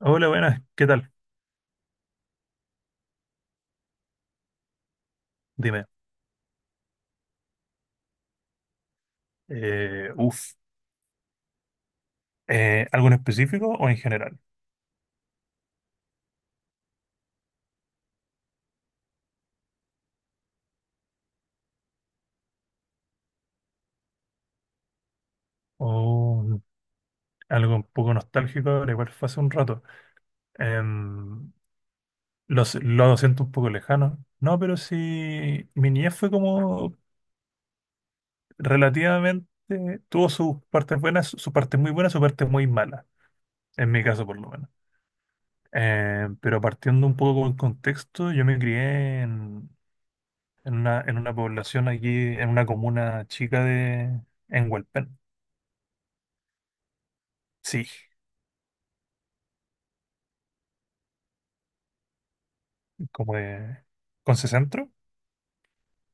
Hola, buenas, ¿qué tal? Dime, eh, uf, ¿algo en específico o en general? O algo un poco nostálgico, ahora igual fue hace un rato. Em, lo siento un poco lejano. No, pero sí, mi niñez fue como relativamente, tuvo sus partes buenas, sus partes muy buenas, sus partes muy malas, en mi caso por lo menos. Pero partiendo un poco con el contexto, yo me crié en una población aquí, en una comuna chica en Hualpén. Sí, como de Conce Centro,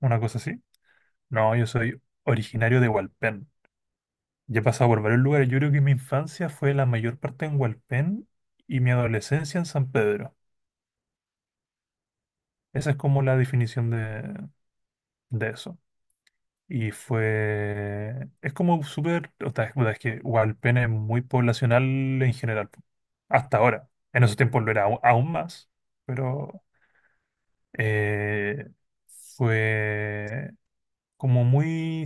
una cosa así. No, yo soy originario de Hualpén. Ya he pasado por varios lugares. Yo creo que mi infancia fue la mayor parte en Hualpén y mi adolescencia en San Pedro. Esa es como la definición de eso. Y fue... Es como súper... O sea, es puta, es que Hualpén es muy poblacional en general. Po. Hasta ahora. En esos tiempos lo era aún más. Pero eh, fue como muy...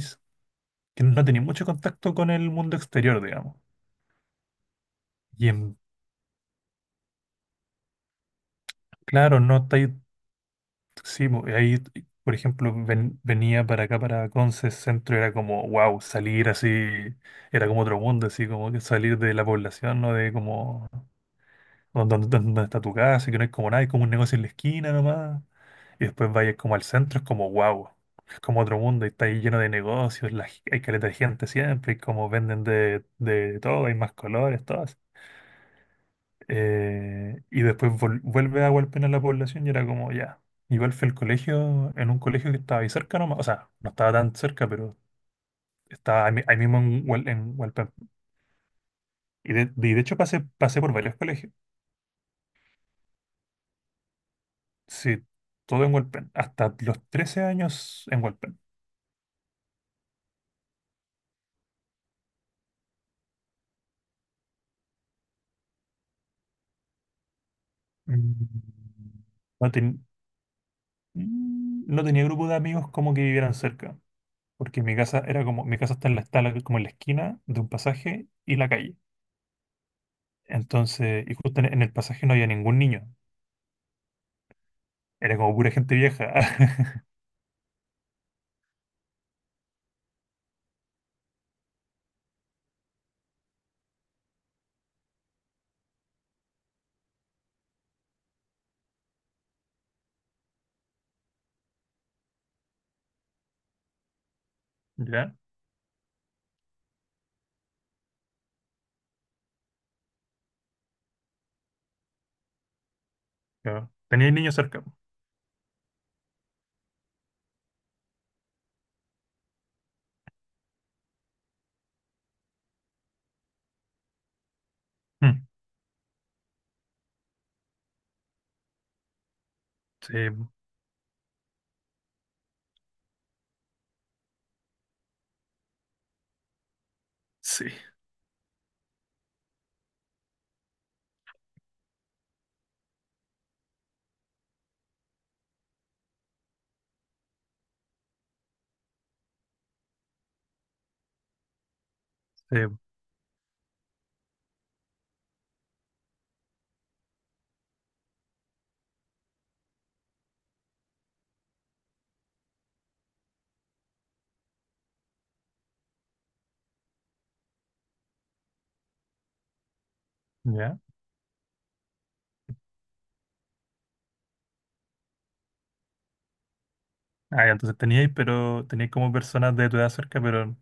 que no tenía mucho contacto con el mundo exterior, digamos. Y en, claro, no está ahí, sí, ahí, por ejemplo, venía para acá, para Conce Centro, era como, wow, salir así, era como otro mundo, así como que salir de la población, ¿no? De como, donde está tu casa, y que no hay como nada, hay como un negocio en la esquina nomás, y después vayas como al centro, es como, wow. Es como otro mundo, y está ahí lleno de negocios, la, hay caleta de gente siempre, y como venden de todo, hay más colores, todo. Y después vuelve a golpear a la población y era como, ya. Igual fue el colegio, en un colegio que estaba ahí cerca nomás, o sea, no estaba tan cerca, pero estaba ahí, ahí mismo en, en Hualpén. Y de hecho pasé por varios colegios, sí, todo en Hualpén, hasta los 13 años en Hualpén. Mm, No, ten- no tenía grupo de amigos como que vivieran cerca, porque mi casa era como, mi casa está en la, como en la esquina de un pasaje y la calle. Entonces, y justo en el pasaje no había ningún niño. Era como pura gente vieja. Ya, claro. Teníais niños cerca. Mm, sí, sí, sí, ya. Ah, ya, entonces teníais, pero teníais como personas de tu edad cerca, pero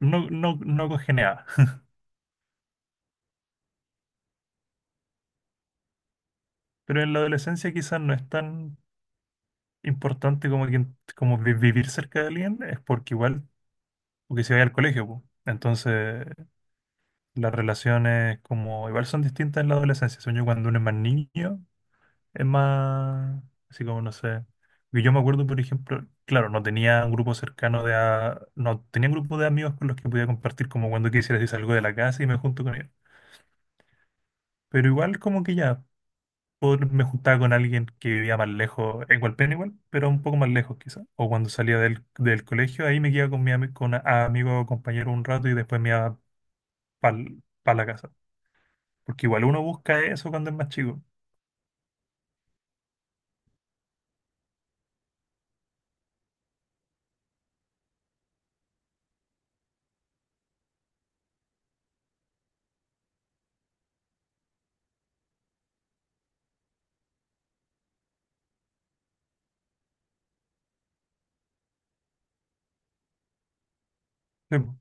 no congeniaba. Pero en la adolescencia quizás no es tan importante como vivir cerca de alguien, es porque igual, porque si vais al colegio, po. Entonces las relaciones como igual son distintas en la adolescencia. Sueño cuando uno es más niño, es más, así como no sé. Porque yo me acuerdo, por ejemplo, claro, no tenía un grupo cercano de... No tenía un grupo de amigos con los que podía compartir como cuando quisiera si salgo de la casa y me junto con ellos. Pero igual como que ya me juntaba con alguien que vivía más lejos, en Hualpén igual, pero un poco más lejos quizás. O cuando salía del colegio, ahí me quedaba con mi ami- con a amigo o compañero un rato y después me iba para la casa. Porque igual uno busca eso cuando es más chico. Sí, po.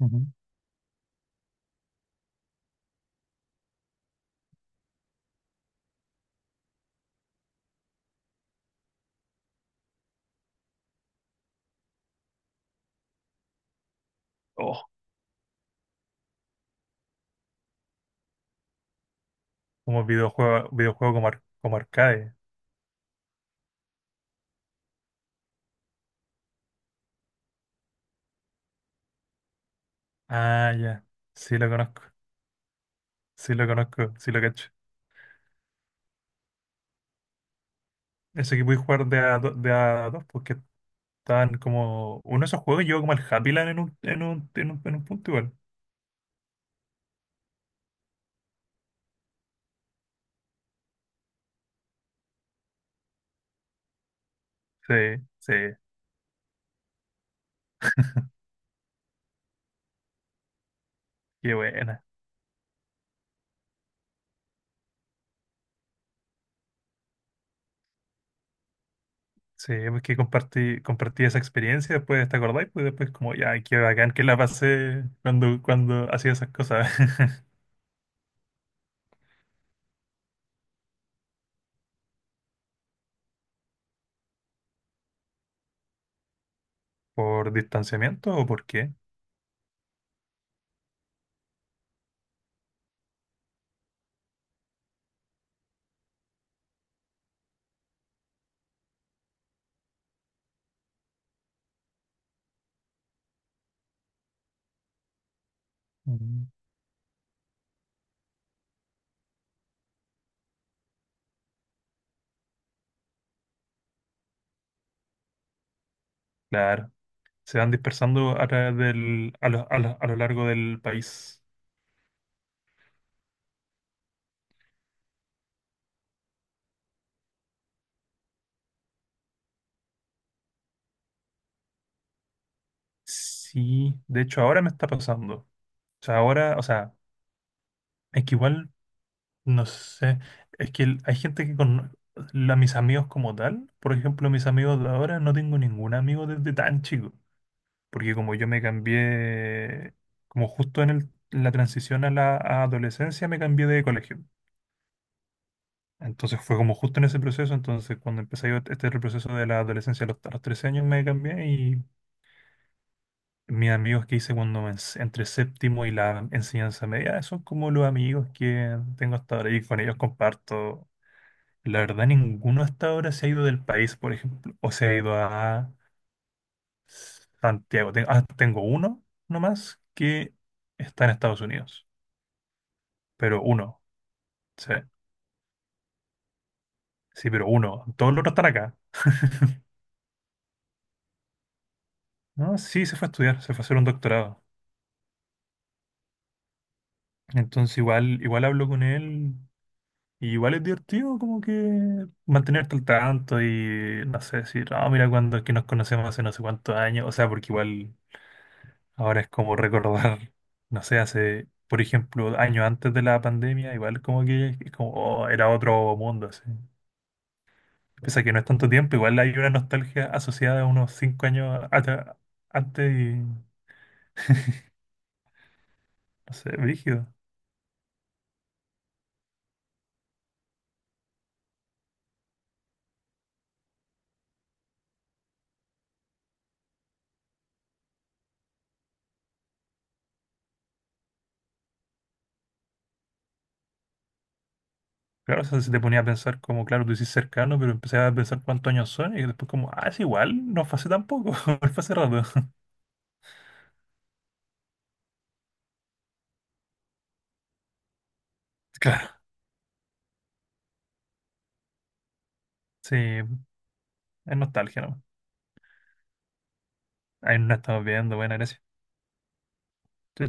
Ujú. Oh, videojuego como, como arcade. Ah, ya. Sí lo conozco. Sí lo conozco. Sí lo cacho. Ese que pude jugar de a dos, porque estaban como. Uno de esos juegos llegó como al Happy Land en un, en un punto igual. Sí, sí. Qué buena. Sí, compartí esa experiencia después, ¿te acordáis? Pues después como, ya, qué bacán que la pasé cuando hacía esas cosas. ¿Por distanciamiento o por qué? Mm, claro. Se van dispersando a través del, a lo, a lo- a lo largo del país. Sí, de hecho ahora me está pasando. O sea, ahora, o sea, es que igual, no sé, es que hay gente que con mis amigos como tal, por ejemplo, mis amigos de ahora, no tengo ningún amigo desde tan chico, porque como yo me cambié, como justo en la transición a la a adolescencia, me cambié de colegio. Entonces fue como justo en ese proceso, entonces cuando empecé yo este proceso de la adolescencia a los 13 años me cambié mis amigos que hice cuando entre séptimo y la enseñanza media, son como los amigos que tengo hasta ahora y con ellos comparto. La verdad, ninguno hasta ahora se ha ido del país, por ejemplo, o se ha ido a Santiago. Tengo uno nomás que está en Estados Unidos, pero uno, sí, sí, pero uno. Todos los otros están acá. No, sí, se fue a estudiar, se fue a hacer un doctorado. Entonces igual, igual hablo con él. Y igual es divertido como que mantenerte al tanto y no sé, decir, ah, mira cuando es que nos conocemos hace no sé cuántos años, o sea, porque igual ahora es como recordar, no sé, hace, por ejemplo, años antes de la pandemia, igual como que es como, oh, era otro mundo, así. Pese a que no es tanto tiempo, igual hay una nostalgia asociada a unos cinco años antes y, no sé, brígido. Claro, o sea, se te ponía a pensar como, claro, tú dices cercano, pero empecé a pensar cuántos años son y después como, ah, es igual, no fue hace tampoco, fue hace rato. Claro, sí, es nostalgia, ¿no? Ahí nos estamos viendo, buena gracias. Chao,